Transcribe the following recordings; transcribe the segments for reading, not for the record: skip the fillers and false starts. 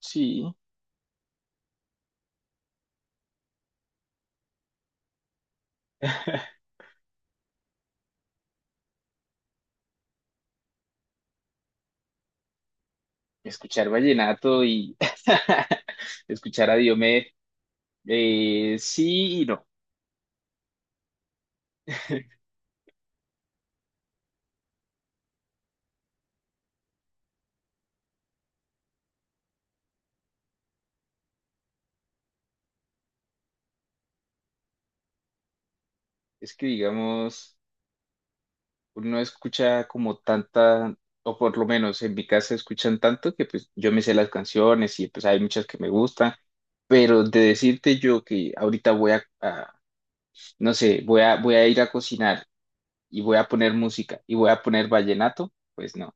Sí, escuchar vallenato y escuchar a Diomedes, sí y no. Es que, digamos, uno escucha como tanta, o por lo menos en mi casa escuchan tanto que pues yo me sé las canciones y pues hay muchas que me gustan, pero de decirte yo que ahorita no sé, voy a ir a cocinar y voy a poner música y voy a poner vallenato, pues no.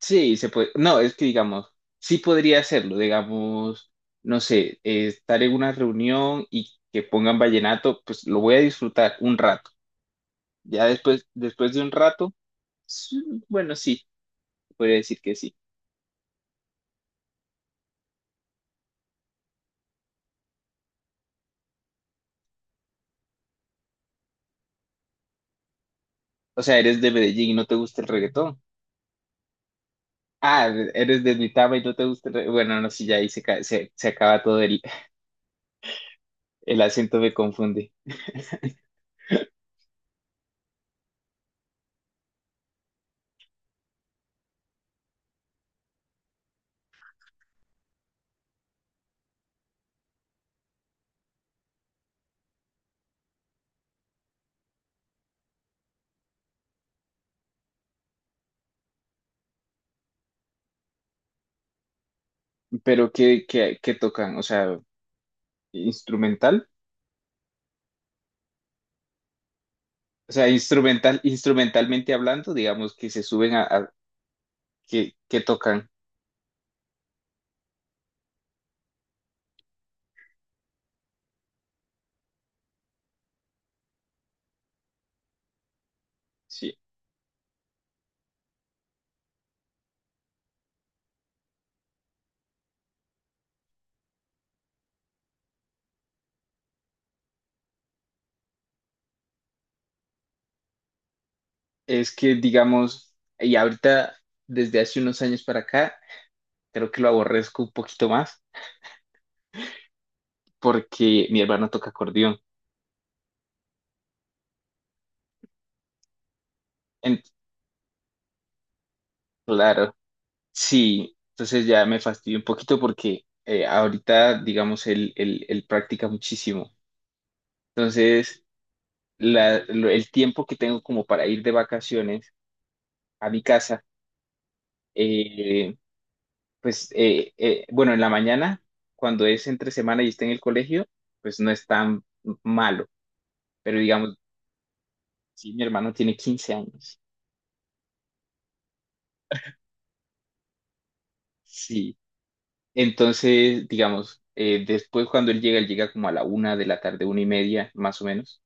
Sí, se puede. No, es que digamos, sí podría hacerlo, digamos, no sé, estar en una reunión y que pongan vallenato, pues lo voy a disfrutar un rato. Ya después de un rato, sí, bueno, sí, podría decir que sí. O sea, eres de Medellín y no te gusta el reggaetón. Ah, eres de Duitama y no te gusta el reggaetón. Bueno, no, sí, ya ahí se acaba todo el acento, me confunde. Pero ¿ qué tocan? O sea, instrumental. O sea, instrumentalmente hablando, digamos que se suben a que tocan. Sí, es que digamos, y ahorita desde hace unos años para acá, creo que lo aborrezco un poquito más porque mi hermano toca acordeón. En- claro, sí, entonces ya me fastidio un poquito porque ahorita, digamos, él practica muchísimo. Entonces, el tiempo que tengo como para ir de vacaciones a mi casa, eh, bueno, en la mañana, cuando es entre semana y está en el colegio, pues no es tan malo, pero digamos, sí, mi hermano tiene 15 años, sí. Entonces, digamos, después cuando él llega como a la 1 de la tarde, 1 y media, más o menos.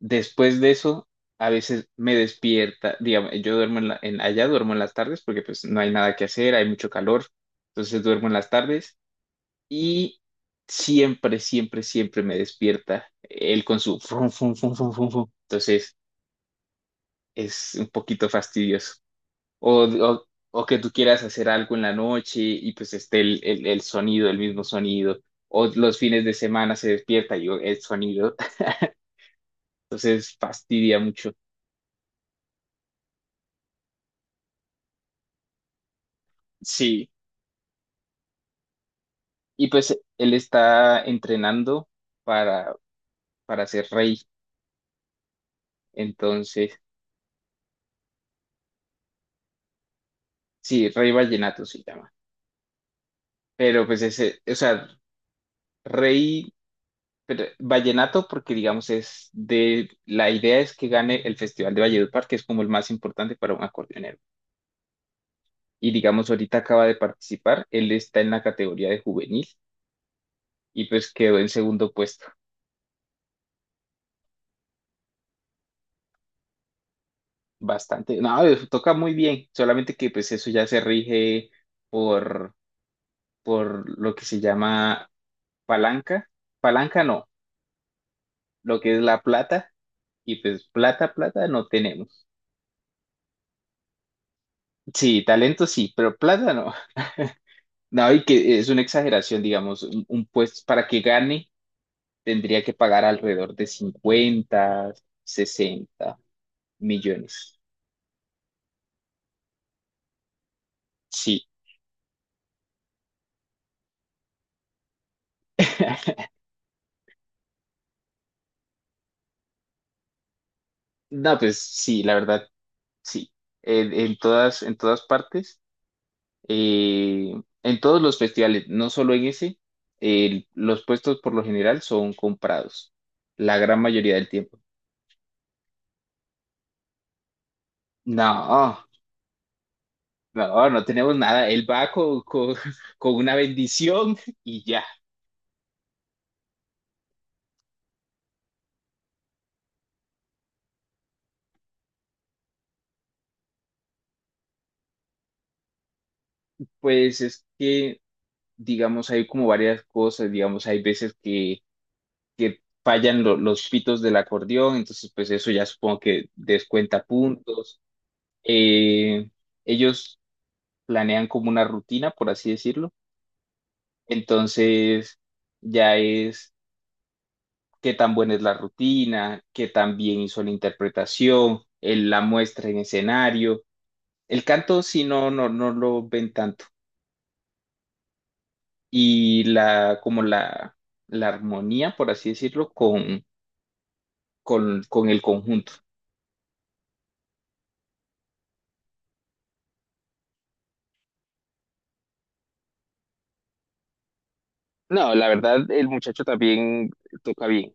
Después de eso, a veces me despierta, digamos, yo duermo en allá duermo en las tardes porque pues no hay nada que hacer, hay mucho calor, entonces duermo en las tardes y siempre, siempre, siempre me despierta él con su frum, frum, frum, frum, frum, frum. Entonces es un poquito fastidioso. O que tú quieras hacer algo en la noche y pues esté el sonido, el mismo sonido. O los fines de semana se despierta y yo, el sonido. Entonces fastidia mucho. Sí, y pues él está entrenando para, para ser rey. Entonces, sí, rey vallenato se llama. Pero pues ese, o sea, rey. Pero vallenato, porque digamos es de, la idea es que gane el Festival de Valledupar, que es como el más importante para un acordeonero. Y digamos, ahorita acaba de participar, él está en la categoría de juvenil y pues quedó en segundo puesto. Bastante, no, toca muy bien, solamente que pues eso ya se rige por, por lo que se llama palanca. Palanca no, lo que es la plata y pues plata no tenemos. Sí, talento sí, pero plata no. No, y que es una exageración, digamos, un puesto para que gane tendría que pagar alrededor de 50 60 millones. Sí. No, pues sí, la verdad, sí. En todas, en todas partes, eh, en todos los festivales, no solo en ese, los puestos por lo general son comprados, la gran mayoría del tiempo. No, no, no tenemos nada. Él va con con una bendición y ya. Pues es que, digamos, hay como varias cosas, digamos, hay veces que fallan los pitos del acordeón, entonces pues eso ya supongo que descuenta puntos. Eh, Ellos planean como una rutina, por así decirlo, entonces ya es qué tan buena es la rutina, qué tan bien hizo la interpretación, la muestra en escenario. El canto, si no, no lo ven tanto. Y la, como la armonía, por así decirlo, con el conjunto. No, la verdad, el muchacho también toca bien.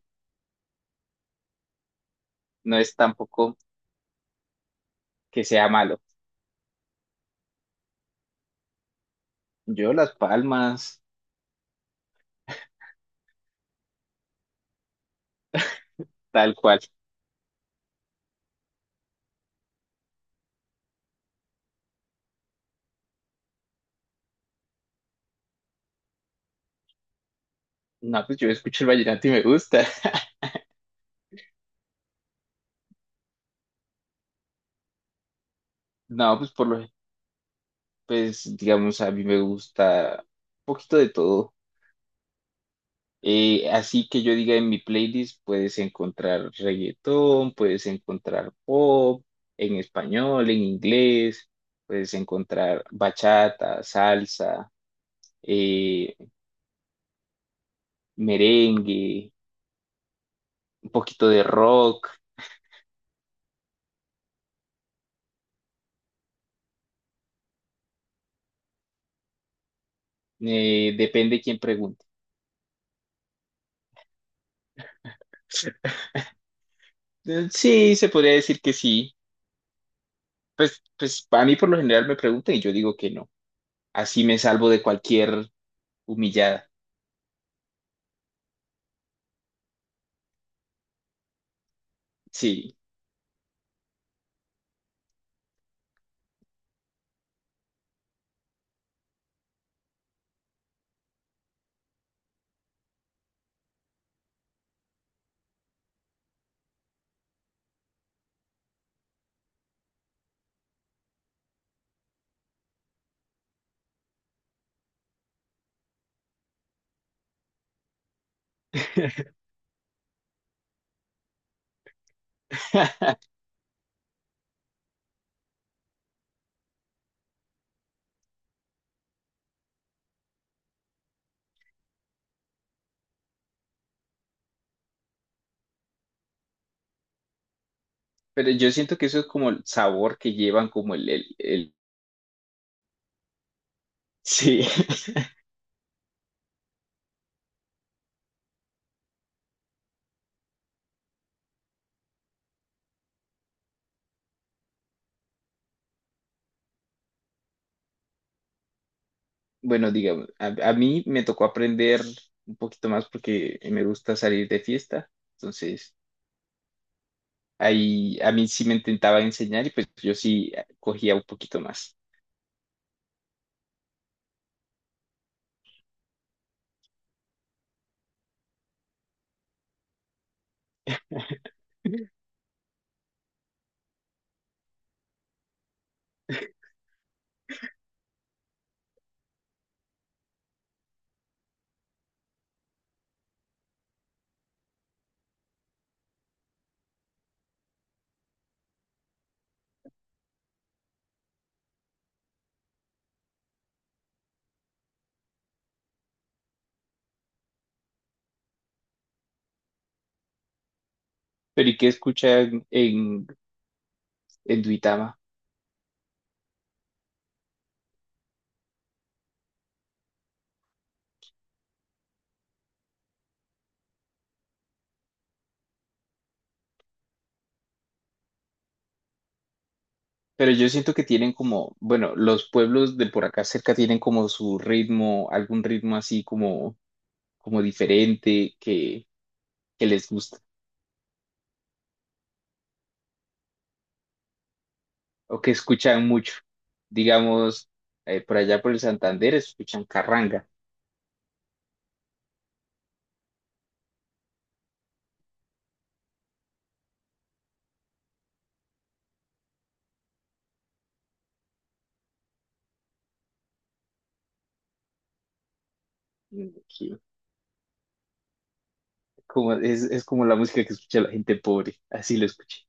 No es tampoco que sea malo. Yo las palmas, tal cual. No, pues yo escucho el vallenato y me gusta. No, pues por lo, pues digamos, a mí me gusta un poquito de todo. Así que yo diga en mi playlist puedes encontrar reggaetón, puedes encontrar pop en español, en inglés, puedes encontrar bachata, salsa, eh, merengue, un poquito de rock, depende quién pregunte. Sí, se podría decir que sí. Pues, pues a mí por lo general me preguntan y yo digo que no. Así me salvo de cualquier humillada. Sí. Pero yo siento que eso es como el sabor que llevan, como el- sí. Bueno, digamos, a mí me tocó aprender un poquito más porque me gusta salir de fiesta. Entonces, ahí a mí sí me intentaba enseñar y pues yo sí cogía un poquito más. Pero ¿y qué escuchan en Duitama? Pero yo siento que tienen como, bueno, los pueblos de por acá cerca tienen como su ritmo, algún ritmo así como, como diferente que les gusta. O que escuchan mucho. Digamos, por allá por el Santander escuchan carranga. Mm, aquí, Como, es como la música que escucha la gente pobre, así lo escuché.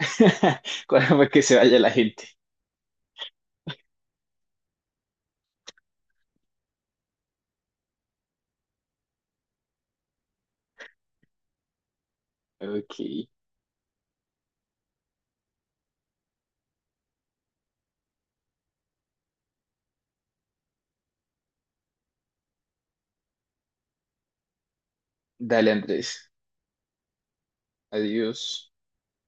Cuando que se vaya la gente. Ok, dale Andrés, adiós.